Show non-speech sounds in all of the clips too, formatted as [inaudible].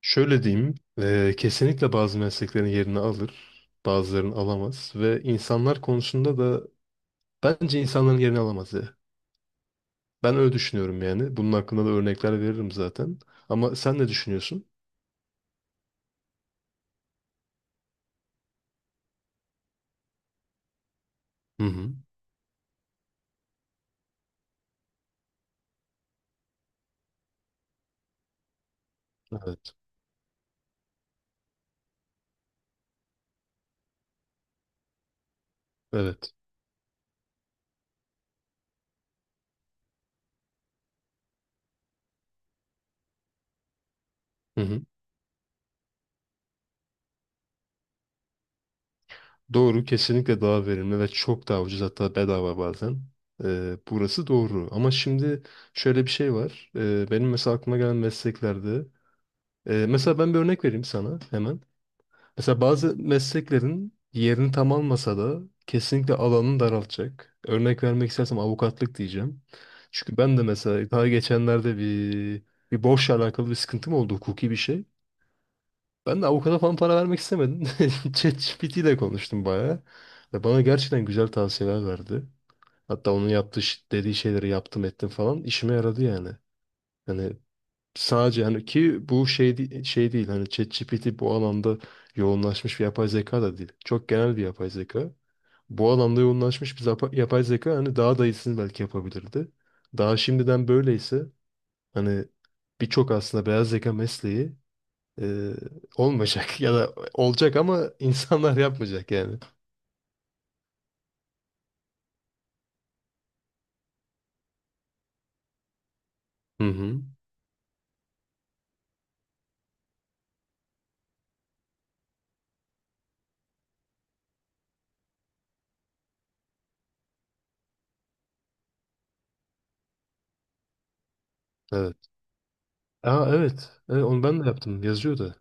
Şöyle diyeyim, kesinlikle bazı mesleklerin yerini alır, bazılarını alamaz ve insanlar konusunda da bence insanların yerini alamaz ya. Ben öyle düşünüyorum yani. Bunun hakkında da örnekler veririm zaten. Ama sen ne düşünüyorsun? Hı hı. Evet. Evet. Hı hı. Doğru, kesinlikle daha verimli ve çok daha ucuz hatta bedava bazen. Burası doğru. Ama şimdi şöyle bir şey var. Benim mesela aklıma gelen mesleklerde, mesela ben bir örnek vereyim sana hemen. Mesela bazı mesleklerin yerini tam almasa da kesinlikle alanını daraltacak. Örnek vermek istersem avukatlık diyeceğim. Çünkü ben de mesela daha geçenlerde bir borçla alakalı bir sıkıntım oldu, hukuki bir şey. Ben de avukata falan para vermek istemedim. [laughs] ChatGPT ile konuştum bayağı. Ve bana gerçekten güzel tavsiyeler verdi. Hatta onun yaptığı dediği şeyleri yaptım ettim falan, işime yaradı yani. Yani, sadece hani ki bu şey, şey değil, hani ChatGPT bu alanda yoğunlaşmış bir yapay zeka da değil. Çok genel bir yapay zeka. Bu alanda yoğunlaşmış bir yapay zeka hani daha da iyisini belki yapabilirdi. Daha şimdiden böyleyse hani birçok aslında beyaz zeka mesleği e, olmayacak [laughs] ya da olacak ama insanlar yapmayacak yani. Hı hı. Evet. Aa, evet. Evet, onu ben de yaptım. Yazıyordu.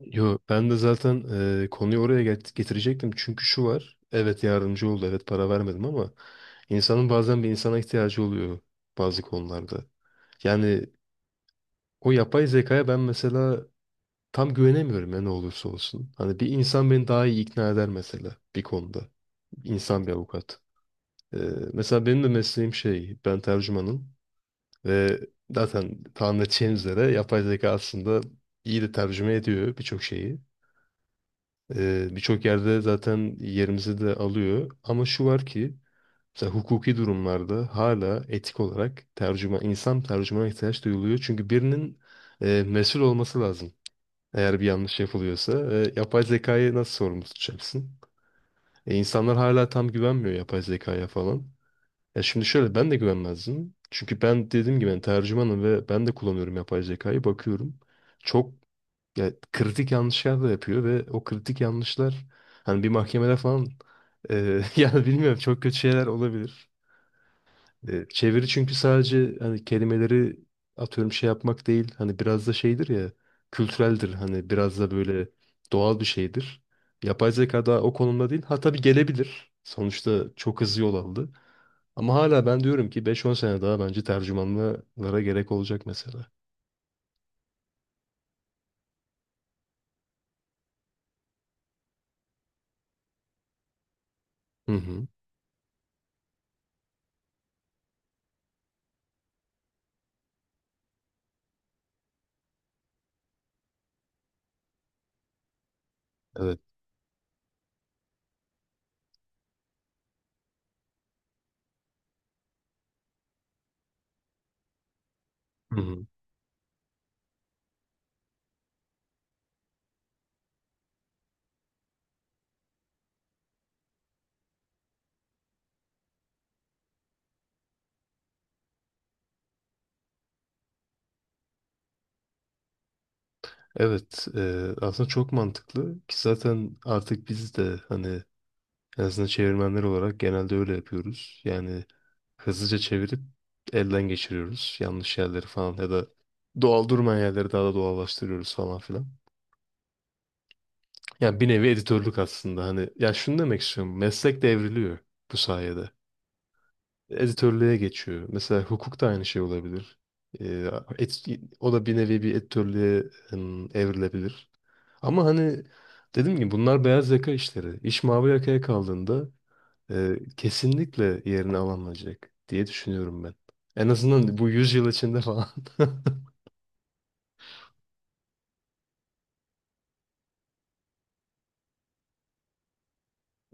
Yo, ben de zaten konuyu oraya getirecektim. Çünkü şu var. Evet, yardımcı oldu. Evet, para vermedim ama insanın bazen bir insana ihtiyacı oluyor bazı konularda. Yani o yapay zekaya ben mesela tam güvenemiyorum ya, ne olursa olsun. Hani bir insan beni daha iyi ikna eder mesela bir konuda. İnsan bir avukat. E, mesela benim de mesleğim şey, ben tercümanım ve zaten tahmin edeceğiniz üzere yapay zeka aslında iyi de tercüme ediyor birçok şeyi. Birçok yerde zaten yerimizi de alıyor. Ama şu var ki mesela hukuki durumlarda hala etik olarak insan tercümana ihtiyaç duyuluyor. Çünkü birinin mesul olması lazım. Eğer bir yanlış yapılıyorsa. E, yapay zekayı nasıl sorumlu tutacaksın? E, insanlar hala tam güvenmiyor yapay zekaya falan. Ya şimdi şöyle, ben de güvenmezdim. Çünkü ben dediğim gibi ben tercümanım ve ben de kullanıyorum yapay zekayı. Bakıyorum. Çok ya, kritik yanlışlar da yapıyor ve o kritik yanlışlar hani bir mahkemede falan [laughs] yani bilmiyorum, çok kötü şeyler olabilir. E, çeviri çünkü sadece hani kelimeleri atıyorum şey yapmak değil, hani biraz da şeydir ya, kültüreldir, hani biraz da böyle doğal bir şeydir. Yapay zeka da o konumda değil. Ha, tabii gelebilir. Sonuçta çok hızlı yol aldı. Ama hala ben diyorum ki 5-10 sene daha bence tercümanlara gerek olacak mesela. Hı hı. Evet. Hı hı. Evet, aslında çok mantıklı ki zaten artık biz de hani en azından çevirmenler olarak genelde öyle yapıyoruz. Yani hızlıca çevirip elden geçiriyoruz yanlış yerleri falan, ya da doğal durmayan yerleri daha da doğallaştırıyoruz falan filan. Yani bir nevi editörlük aslında, hani ya şunu demek istiyorum, meslek devriliyor bu sayede, editörlüğe geçiyor. Mesela hukuk da aynı şey olabilir. Ee, et- o da bir nevi bir editörlüğe evrilebilir. Ama hani dedim ki bunlar beyaz yaka işleri. İş mavi yakaya kaldığında kesinlikle yerini alamayacak diye düşünüyorum ben. En azından bu 100 yıl içinde falan. [laughs]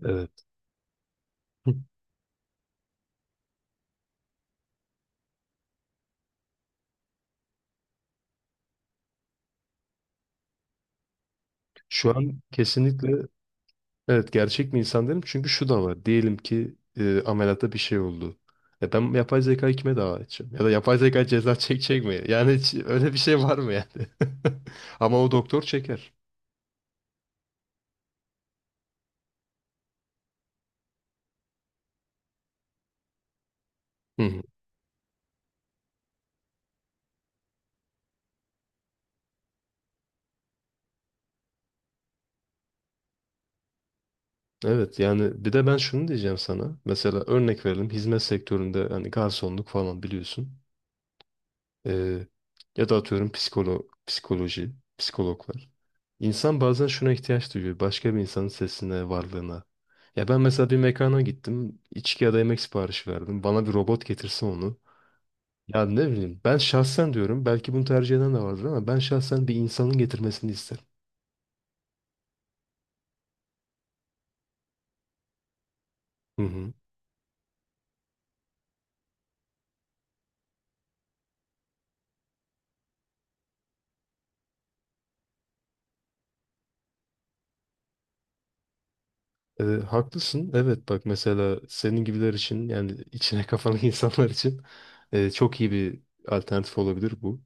Evet. Şu an kesinlikle. Evet, gerçek mi insan derim çünkü şu da var. Diyelim ki ameliyatta bir şey oldu. E ben yapay zekayı kime dava edeceğim? Ya da yapay zeka ceza [laughs] çekecek mi? Yani hiç öyle bir şey var mı yani? [laughs] Ama o doktor çeker. Hı hı. Evet, yani bir de ben şunu diyeceğim sana. Mesela örnek verelim, hizmet sektöründe hani garsonluk falan biliyorsun. Ee, ya da atıyorum psikoloji, psikologlar. İnsan bazen şuna ihtiyaç duyuyor. Başka bir insanın sesine, varlığına. Ya ben mesela bir mekana gittim, içki ya da yemek siparişi verdim. Bana bir robot getirse onu. Ya ne bileyim. Ben şahsen diyorum. Belki bunu tercih eden de vardır ama ben şahsen bir insanın getirmesini isterim. Hı hı. Haklısın. Evet, bak mesela senin gibiler için, yani içine kafalı [laughs] insanlar için çok iyi bir alternatif olabilir bu.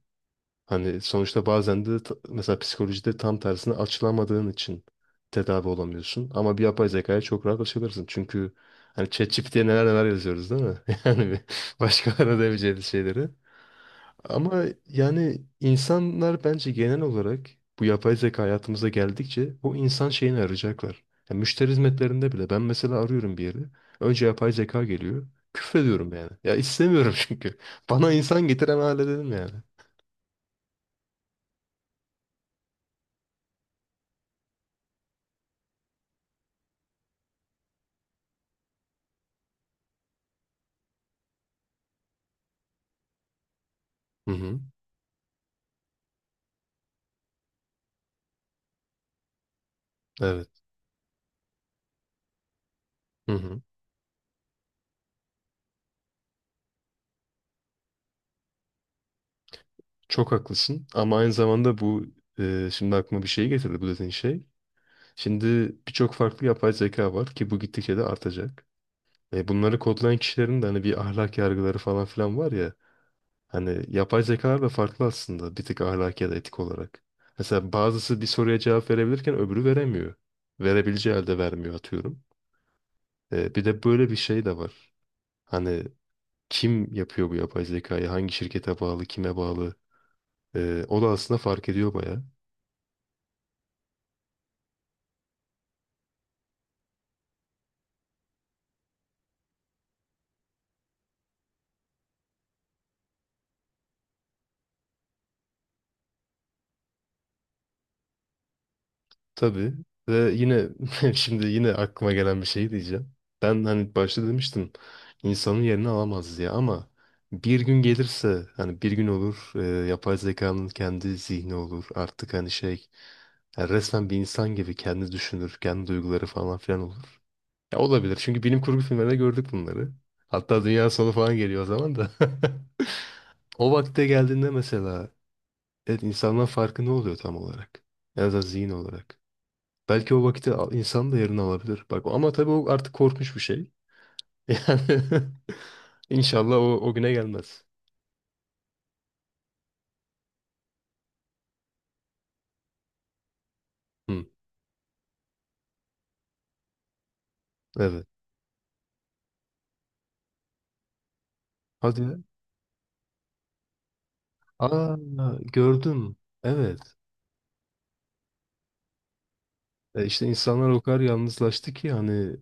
Hani sonuçta bazen de mesela psikolojide tam tersine açılamadığın için tedavi olamıyorsun. Ama bir yapay zekaya çok rahat açılırsın. Çünkü hani ChatGPT'ye neler neler yazıyoruz değil mi? [laughs] Yani bir, başkalarına demeyeceğimiz şeyleri. Ama yani insanlar bence genel olarak bu yapay zeka hayatımıza geldikçe o insan şeyini arayacaklar. Yani müşteri hizmetlerinde bile ben mesela arıyorum bir yeri. Önce yapay zeka geliyor. Küfrediyorum yani. Ya istemiyorum [laughs] çünkü. Bana insan getiren hale dedim yani. Hı hı. Evet. Hı hı. Çok haklısın ama aynı zamanda bu şimdi aklıma bir şey getirdi, bu dediğin şey. Şimdi birçok farklı yapay zeka var ki bu gittikçe de artacak. E, bunları kodlayan kişilerin de hani bir ahlak yargıları falan filan var ya. Hani yapay zekalar da farklı aslında, bir tık, ahlaki ya da etik olarak. Mesela bazısı bir soruya cevap verebilirken öbürü veremiyor. Verebileceği halde vermiyor atıyorum. E, bir de böyle bir şey de var. Hani kim yapıyor bu yapay zekayı? Hangi şirkete bağlı? Kime bağlı? O da aslında fark ediyor baya. Tabii. Ve yine [laughs] şimdi yine aklıma gelen bir şey diyeceğim. Ben hani başta demiştim insanın yerini alamaz diye, ama bir gün gelirse, hani bir gün olur yapay zekanın kendi zihni olur artık, hani şey. Yani resmen bir insan gibi kendi düşünür, kendi duyguları falan filan olur. Ya, olabilir. Çünkü bilim kurgu filmlerinde gördük bunları. Hatta dünya sonu falan geliyor o zaman da. [laughs] O vakte geldiğinde mesela, evet, insandan farkı ne oluyor tam olarak? En azından zihin olarak. Belki o vakti insan da yerini alabilir. Bak ama tabii o artık korkmuş bir şey. [laughs] Yani inşallah o güne gelmez. Hı, evet. Hadi ya. Aa, gördüm. Evet. E işte insanlar o kadar yalnızlaştı ki, hani.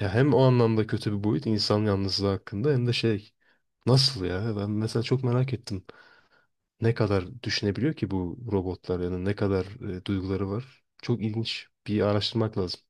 Ya hem o anlamda kötü bir boyut, insan yalnızlığı hakkında, hem de şey, nasıl ya, ben mesela çok merak ettim. Ne kadar düşünebiliyor ki bu robotlar, yani ne kadar duyguları var? Çok ilginç, bir araştırmak lazım.